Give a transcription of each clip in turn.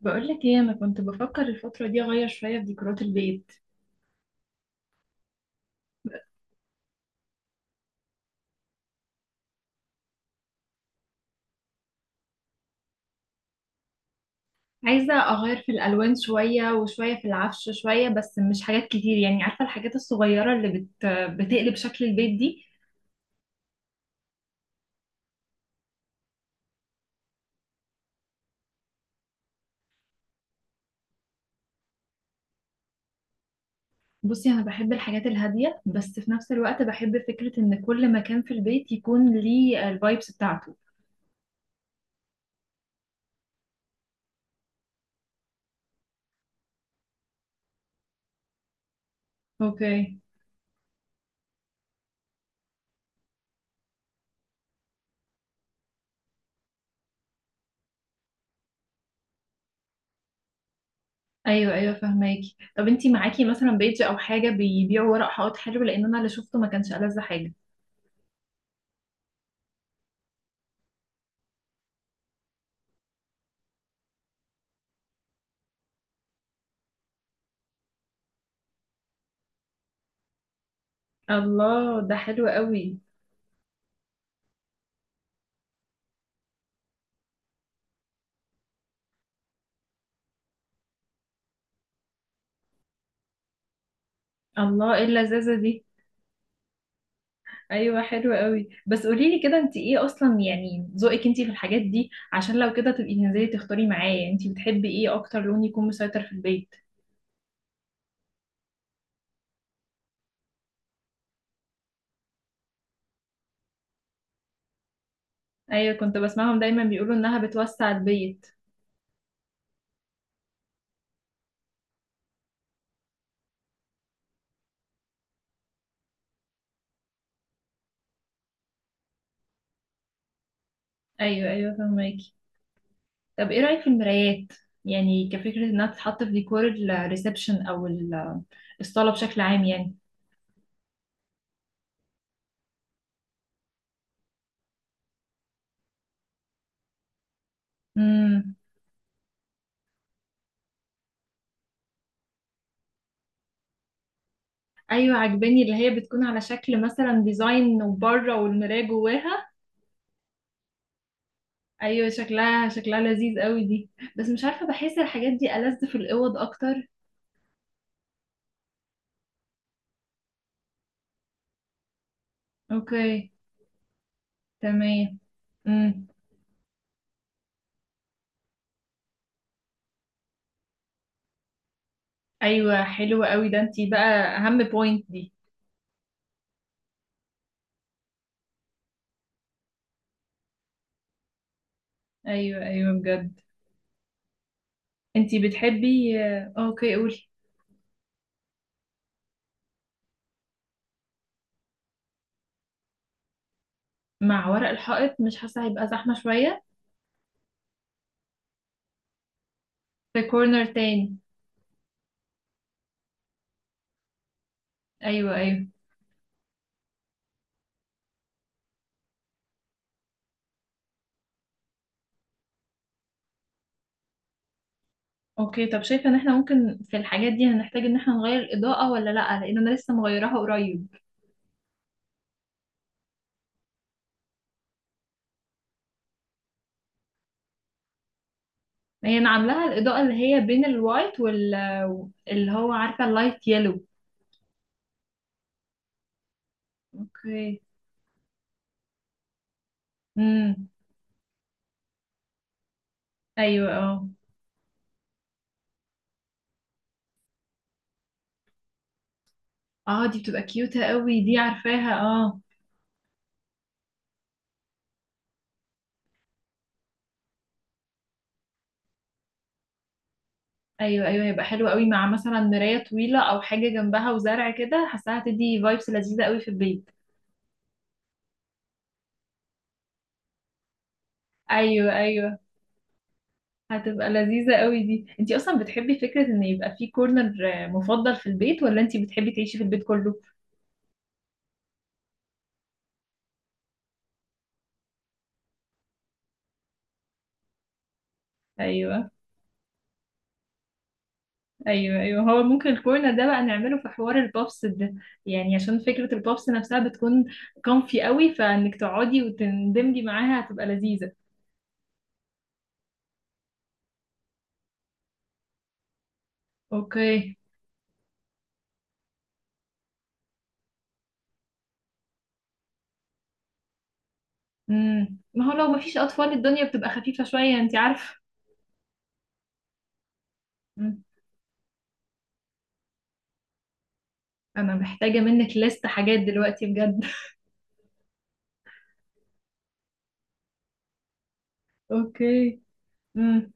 بقولك ايه؟ انا كنت بفكر الفترة دي اغير شوية في ديكورات البيت. عايزة اغير في الالوان شوية، وشوية في العفش شوية، بس مش حاجات كتير يعني عارفة الحاجات الصغيرة اللي بتقلب شكل البيت دي. بصي، انا بحب الحاجات الهادية بس في نفس الوقت بحب فكرة ان كل مكان في البيت يكون ليه الفايبس بتاعته. اوكي. ايوه، ايوه، فهماكي. طب انتي معاكي مثلا بيج او حاجة بيبيعوا ورق حائط حلو؟ لان انا اللي شفته ما كانش ألذ حاجة. الله، ده حلو قوي. الله، ايه اللذاذة دي؟ ايوه، حلو قوي. بس قولي لي كده، انت ايه اصلا يعني ذوقك انت في الحاجات دي؟ عشان لو كده تبقي تنزلي تختاري معايا. يعني انت بتحبي ايه اكتر لون يكون مسيطر في البيت؟ ايوه، كنت بسمعهم دايما بيقولوا انها بتوسع البيت. ايوه، ايوه، فهماكي. طب ايه رايك في المرايات؟ يعني كفكره انها تتحط في ديكور الريسبشن او الصاله بشكل عام يعني. امم. ايوه، عجباني اللي هي بتكون على شكل مثلا ديزاين وبره والمرايه جواها. ايوه، شكلها شكلها لذيذ قوي دي. بس مش عارفه، بحس الحاجات دي ألذ في الاوض اكتر. اوكي. تمام. امم. ايوه، حلو قوي ده، انتي بقى اهم بوينت دي. ايوه، ايوه، بجد. انتي بتحبي اوكي، قولي. مع ورق الحائط؟ مش حاسه هيبقى زحمه شويه؟ في كورنر تاني. ايوه، ايوه. اوكي. طب شايفه ان احنا ممكن في الحاجات دي هنحتاج ان احنا نغير الاضاءه ولا لا؟ لان انا لسه مغيراها قريب. هي انا عاملاها الاضاءه اللي هي بين الوايت اللي هو عارفه اللايت يلو. اوكي. امم. ايوه، اه. اه، دي بتبقى كيوتة قوي دي، عارفاها، اه. ايوه، ايوه، هيبقى حلو قوي مع مثلا مراية طويلة او حاجة جنبها وزرع كده. حاساها هتدي فايبس لذيذة قوي في البيت. ايوه، ايوه، هتبقى لذيذة قوي دي. انتي اصلا بتحبي فكرة ان يبقى في كورنر مفضل في البيت، ولا انتي بتحبي تعيشي في البيت كله؟ ايوه ايوه. ايوه، هو ممكن الكورنر ده بقى نعمله في حوار البابس ده. يعني عشان فكرة البابس نفسها بتكون كومفي قوي فانك تقعدي وتندمجي معاها هتبقى لذيذة. اوكي. ما هو لو مفيش اطفال الدنيا بتبقى خفيفة شوية، انت عارفة. مم. انا محتاجة منك ل6 حاجات دلوقتي بجد. اوكي. امم.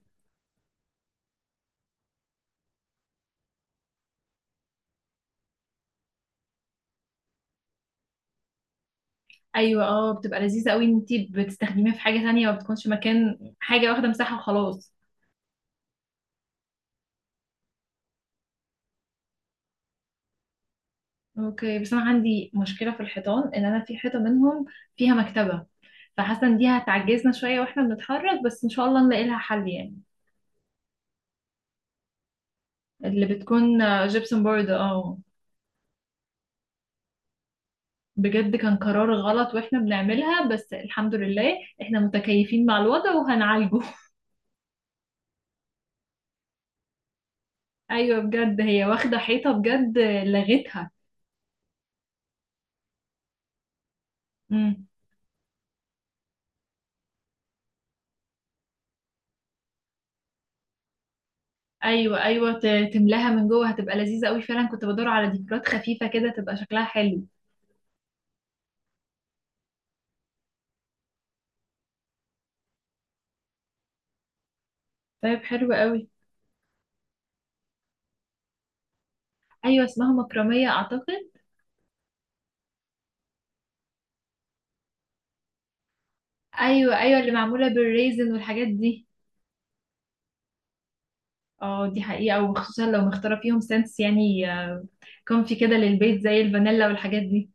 ايوه، اه. بتبقى لذيذة قوي ان انت بتستخدميها في حاجة تانية، ما بتكونش مكان حاجة واخدة مساحة وخلاص. اوكي. بس انا عندي مشكلة في الحيطان ان انا في حيطة منهم فيها مكتبة. فحاسة ان دي هتعجزنا شوية واحنا بنتحرك، بس ان شاء الله نلاقي لها حل يعني. اللي بتكون جبسن بورد، اه. بجد كان قرار غلط واحنا بنعملها، بس الحمد لله احنا متكيفين مع الوضع وهنعالجه. ايوه، بجد هي واخده حيطه بجد. لغتها. امم. ايوه، ايوه، تملاها من جوه هتبقى لذيذه قوي. فعلا كنت بدور على ديكورات خفيفه كده تبقى شكلها حلو. طيب، حلو قوي. ايوه، اسمها مكرميه اعتقد. ايوه، ايوه، اللي معموله بالريزن والحاجات دي. اه، دي حقيقه. وخصوصا لو مختاره فيهم سنس يعني كومفي كده للبيت زي الفانيلا والحاجات دي.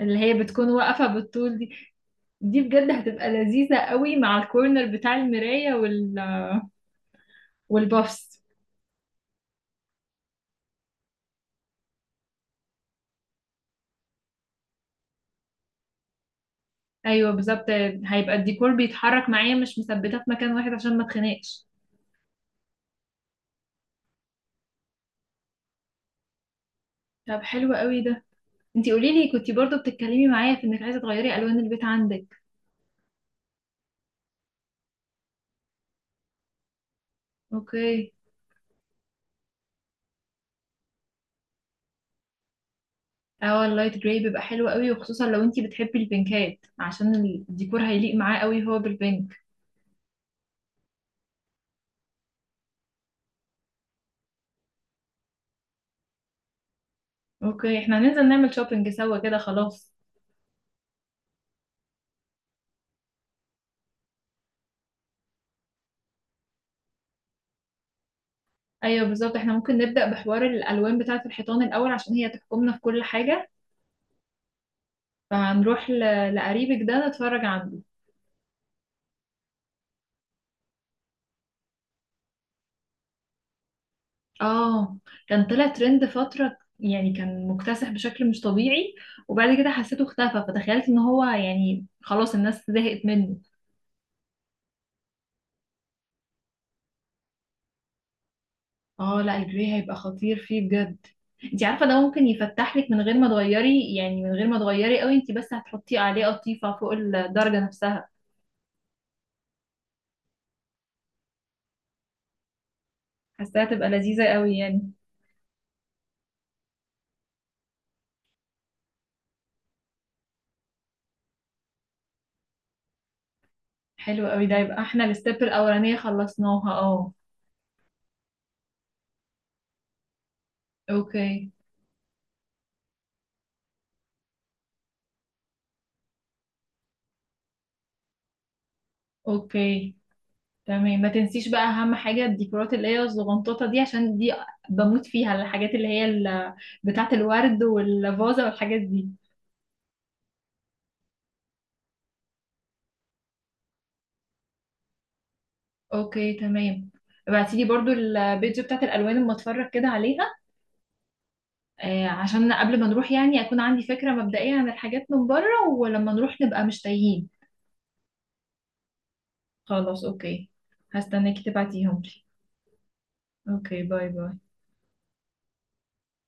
اللي هي بتكون واقفه بالطول دي. دي بجد هتبقى لذيذة قوي مع الكورنر بتاع المراية والبافس. ايوه، بالظبط. هيبقى الديكور بيتحرك معايا مش مثبتة في مكان واحد عشان ما اتخنقش. طب حلو قوي ده. انتي قولي لي، كنتي برضو بتتكلمي معايا في انك عايزة تغيري الوان البيت عندك. اوكي. اه، اللايت جراي بيبقى حلو قوي. وخصوصا لو انتي بتحبي البينكات عشان الديكور هيليق معاه قوي هو بالبينك. اوكي، احنا هننزل نعمل شوبينج سوا كده خلاص. ايوه، بالظبط. احنا ممكن نبدأ بحوار الالوان بتاعة الحيطان الاول عشان هي تحكمنا في كل حاجة. فهنروح لقريبك ده نتفرج عنده. اه. كان طلع ترند فترة، يعني كان مكتسح بشكل مش طبيعي. وبعد كده حسيته اختفى فتخيلت ان هو يعني خلاص الناس زهقت منه. اه، لا، الجري هيبقى خطير فيه بجد. انت عارفة ده ممكن يفتح لك من غير ما تغيري، يعني من غير ما تغيري قوي. انت بس هتحطي عليه قطيفة فوق الدرجة نفسها. حاساها تبقى لذيذة قوي يعني. حلو قوي ده. يبقى احنا الستيب الأولانية خلصناها، اه. اوكي. اوكي، تمام. ما تنسيش بقى اهم حاجه، الديكورات اللي هي الزغنطوطه دي عشان دي بموت فيها. الحاجات اللي هي بتاعه الورد والفازه والحاجات دي. اوكي، تمام. ابعتي لي برضو البيج بتاعه الالوان اما اتفرج كده عليها. عشان قبل ما نروح يعني اكون عندي فكره مبدئيه عن الحاجات من بره ولما نروح نبقى مش تايهين. خلاص، اوكي. هستناكي تبعتيهم لي. اوكي، باي، باي.